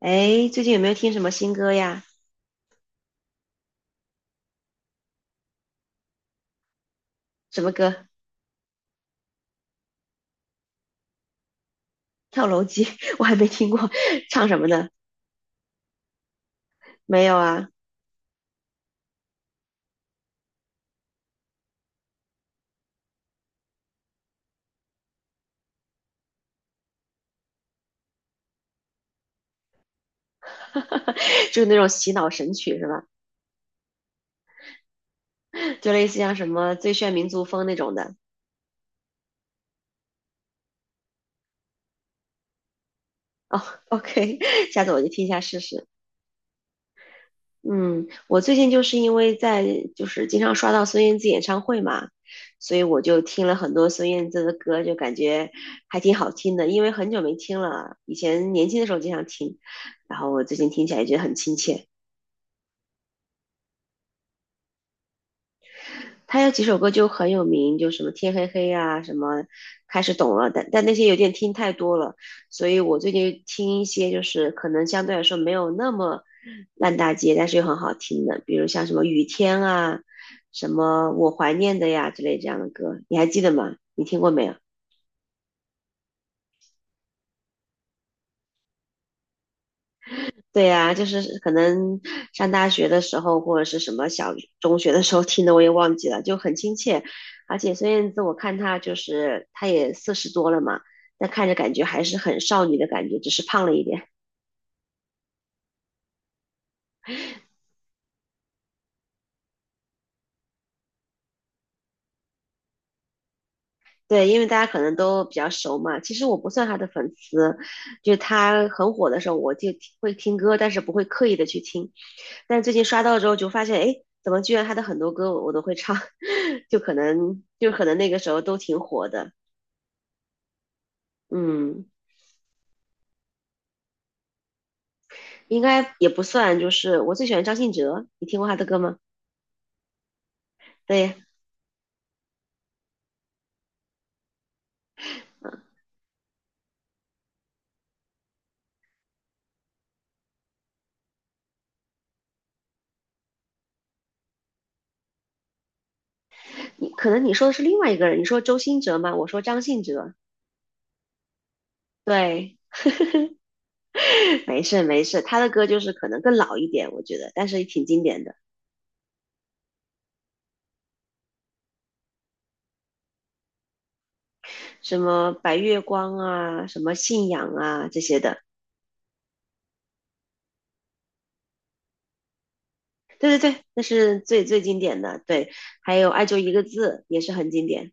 哎，最近有没有听什么新歌呀？什么歌？跳楼机，我还没听过，唱什么的？没有啊，就是那种洗脑神曲是吧？就类似像什么最炫民族风那种的。哦，OK，下次我就听一下试试。嗯，我最近就是因为在就是经常刷到孙燕姿演唱会嘛，所以我就听了很多孙燕姿的歌，就感觉还挺好听的。因为很久没听了，以前年轻的时候经常听，然后我最近听起来觉得很亲切。他有几首歌就很有名，就什么天黑黑啊，什么开始懂了，但那些有点听太多了，所以我最近听一些就是可能相对来说没有那么烂大街，但是又很好听的，比如像什么雨天啊，什么我怀念的呀之类这样的歌，你还记得吗？你听过没有？对呀，就是可能上大学的时候，或者是什么小中学的时候听的，我也忘记了，就很亲切。而且孙燕姿，我看她就是她也四十多了嘛，但看着感觉还是很少女的感觉，只是胖了一点。对，因为大家可能都比较熟嘛。其实我不算她的粉丝，就她很火的时候，我就听会听歌，但是不会刻意的去听。但最近刷到之后，就发现，哎，怎么居然她的很多歌我都会唱，就可能那个时候都挺火的，嗯。应该也不算，就是我最喜欢张信哲，你听过他的歌吗？对你，可能你说的是另外一个人，你说周兴哲吗？我说张信哲。对，没事没事，他的歌就是可能更老一点，我觉得，但是也挺经典的，什么白月光啊，什么信仰啊这些的。对对对，那是最最经典的。对，还有爱就一个字也是很经典。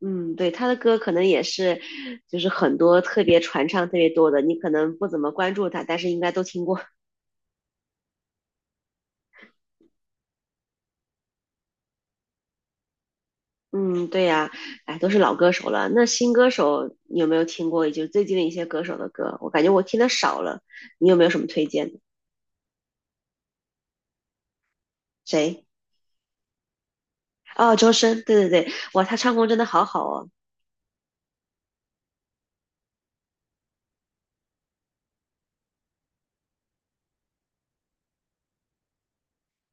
嗯，对，他的歌可能也是，就是很多特别传唱特别多的，你可能不怎么关注他，但是应该都听过。嗯，对呀，哎，都是老歌手了。那新歌手你有没有听过？也就最近的一些歌手的歌，我感觉我听的少了。你有没有什么推荐的？谁？哦，周深，对对对，哇，他唱功真的好好哦。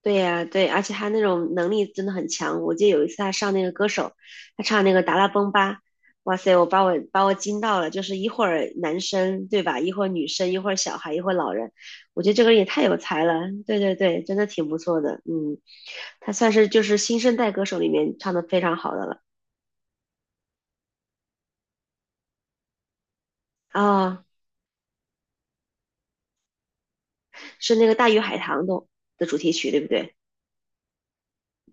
对呀，对，而且他那种能力真的很强。我记得有一次他上那个歌手，他唱那个《达拉崩吧》，哇塞，我把我惊到了，就是一会儿男生对吧，一会儿女生，一会儿小孩，一会儿老人，我觉得这个人也太有才了。对对对，真的挺不错的，嗯，他算是就是新生代歌手里面唱的非常好的了啊，是那个《大鱼海棠》的主题曲，对不对？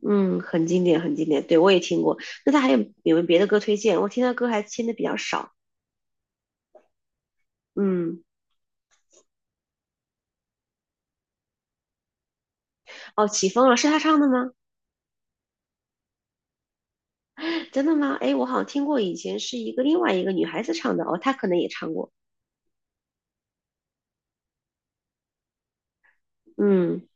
嗯，很经典，很经典，对我也听过。那他还有有没有别的歌推荐？我听他歌还听的比较少，嗯。哦，起风了，是她唱的吗？真的吗？哎，我好像听过，以前是另外一个女孩子唱的，哦，她可能也唱过。嗯，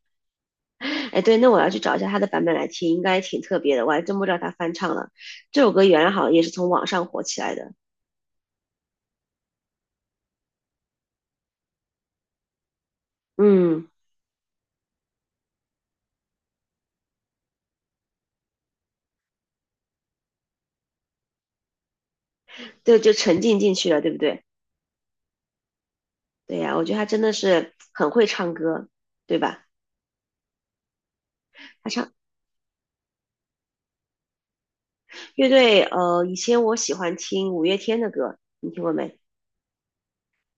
哎，对，那我要去找一下她的版本来听，应该挺特别的，我还真不知道她翻唱了。这首歌原来好像也是从网上火起来的。嗯，对，就沉浸进去了，对不对？对呀，我觉得她真的是很会唱歌，对吧？她唱乐队，以前我喜欢听五月天的歌，你听过没？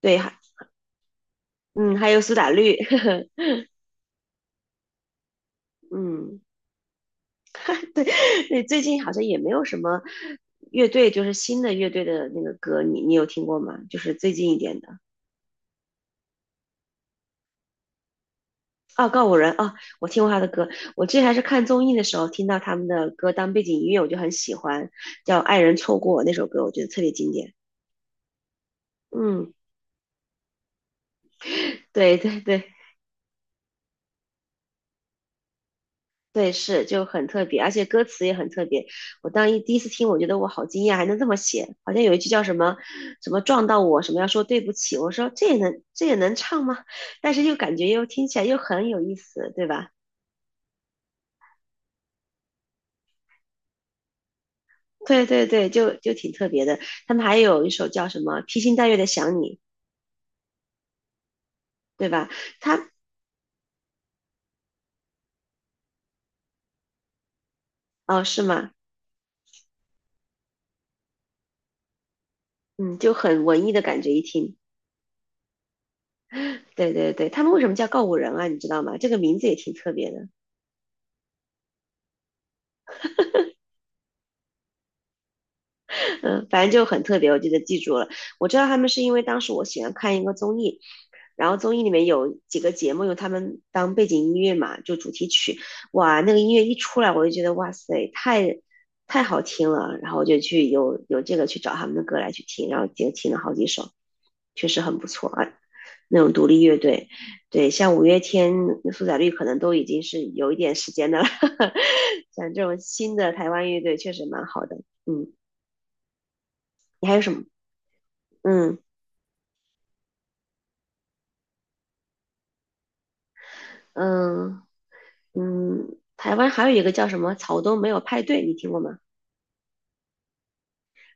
对，还嗯，还有苏打绿，嗯。对，最近好像也没有什么乐队，就是新的乐队的那个歌，你有听过吗？就是最近一点的啊，告五人啊，我听过他的歌。我之前还是看综艺的时候听到他们的歌当背景音乐，我就很喜欢，叫《爱人错过》那首歌，我觉得特别经典。嗯，对对对。对，是就很特别，而且歌词也很特别。我当一第一次听，我觉得我好惊讶，还能这么写。好像有一句叫什么什么撞到我，什么要说对不起，我说这也能唱吗？但是又感觉又听起来又很有意思，对吧？对对对，就挺特别的。他们还有一首叫什么披星戴月的想你，对吧？他哦是吗？嗯，就很文艺的感觉，一听。对对对，他们为什么叫告五人啊？你知道吗？这个名字也挺特别的。嗯，反正就很特别，我记得记住了。我知道他们是因为当时我喜欢看一个综艺，然后综艺里面有几个节目用他们当背景音乐嘛，就主题曲。哇，那个音乐一出来，我就觉得哇塞，太好听了。然后我就去这个去找他们的歌来去听，然后也听了好几首，确实很不错啊。那种独立乐队，对，像五月天、苏打绿可能都已经是有一点时间的了。像这种新的台湾乐队确实蛮好的，嗯。你还有什么嗯嗯台湾还有一个叫什么草东没有派对，你听过吗？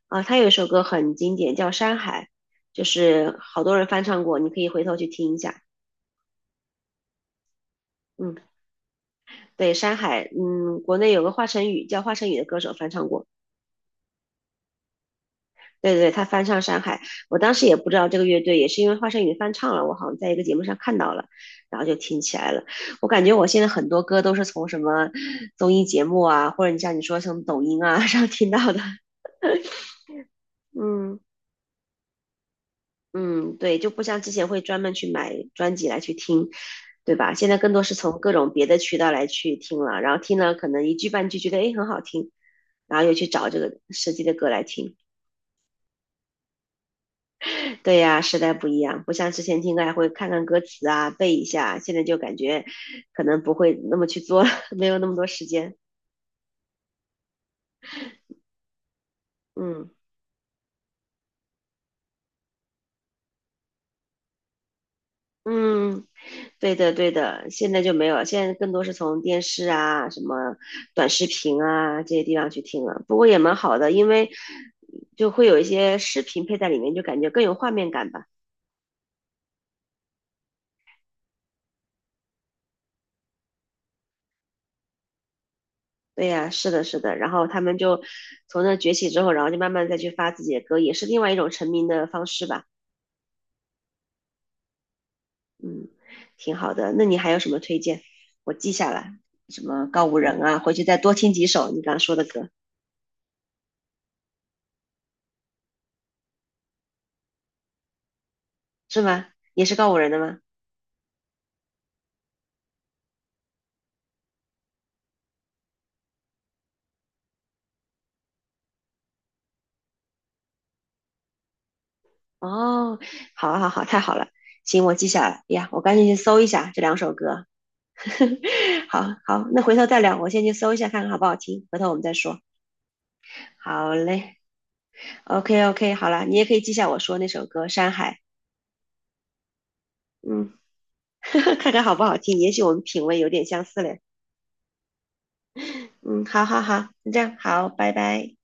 啊，他有一首歌很经典，叫《山海》，就是好多人翻唱过，你可以回头去听一下。嗯，对，《山海》，嗯，国内有个华晨宇叫华晨宇的歌手翻唱过，对对对，他翻唱《山海》，我当时也不知道这个乐队，也是因为华晨宇翻唱了，我好像在一个节目上看到了，然后就听起来了。我感觉我现在很多歌都是从什么综艺节目啊，或者你像你说从抖音啊 上听到的，嗯。嗯，对，就不像之前会专门去买专辑来去听，对吧？现在更多是从各种别的渠道来去听了，然后听了可能一句半句觉得诶很好听，然后又去找这个实际的歌来听。对呀，时代不一样，不像之前听歌还会看看歌词啊，背一下，现在就感觉可能不会那么去做了，没有那么多时间。嗯。嗯，对的，对的，现在就没有了，现在更多是从电视啊、什么短视频啊这些地方去听了。不过也蛮好的，因为就会有一些视频配在里面，就感觉更有画面感吧。对呀，是的，是的。然后他们就从那崛起之后，然后就慢慢再去发自己的歌，也是另外一种成名的方式吧。嗯，挺好的。那你还有什么推荐？我记下来，什么告五人啊，回去再多听几首你刚刚说的歌，是吗？也是告五人的吗？哦，好啊，好啊，好，太好了，行，我记下来。哎呀，我赶紧去搜一下这两首歌。好好，那回头再聊，我先去搜一下看看好不好听，回头我们再说。好嘞，OK OK，好了，你也可以记下我说那首歌《山海》，嗯，看看好不好听，也许我们品味有点相似嘞。嗯，好好好，那这样好，拜拜。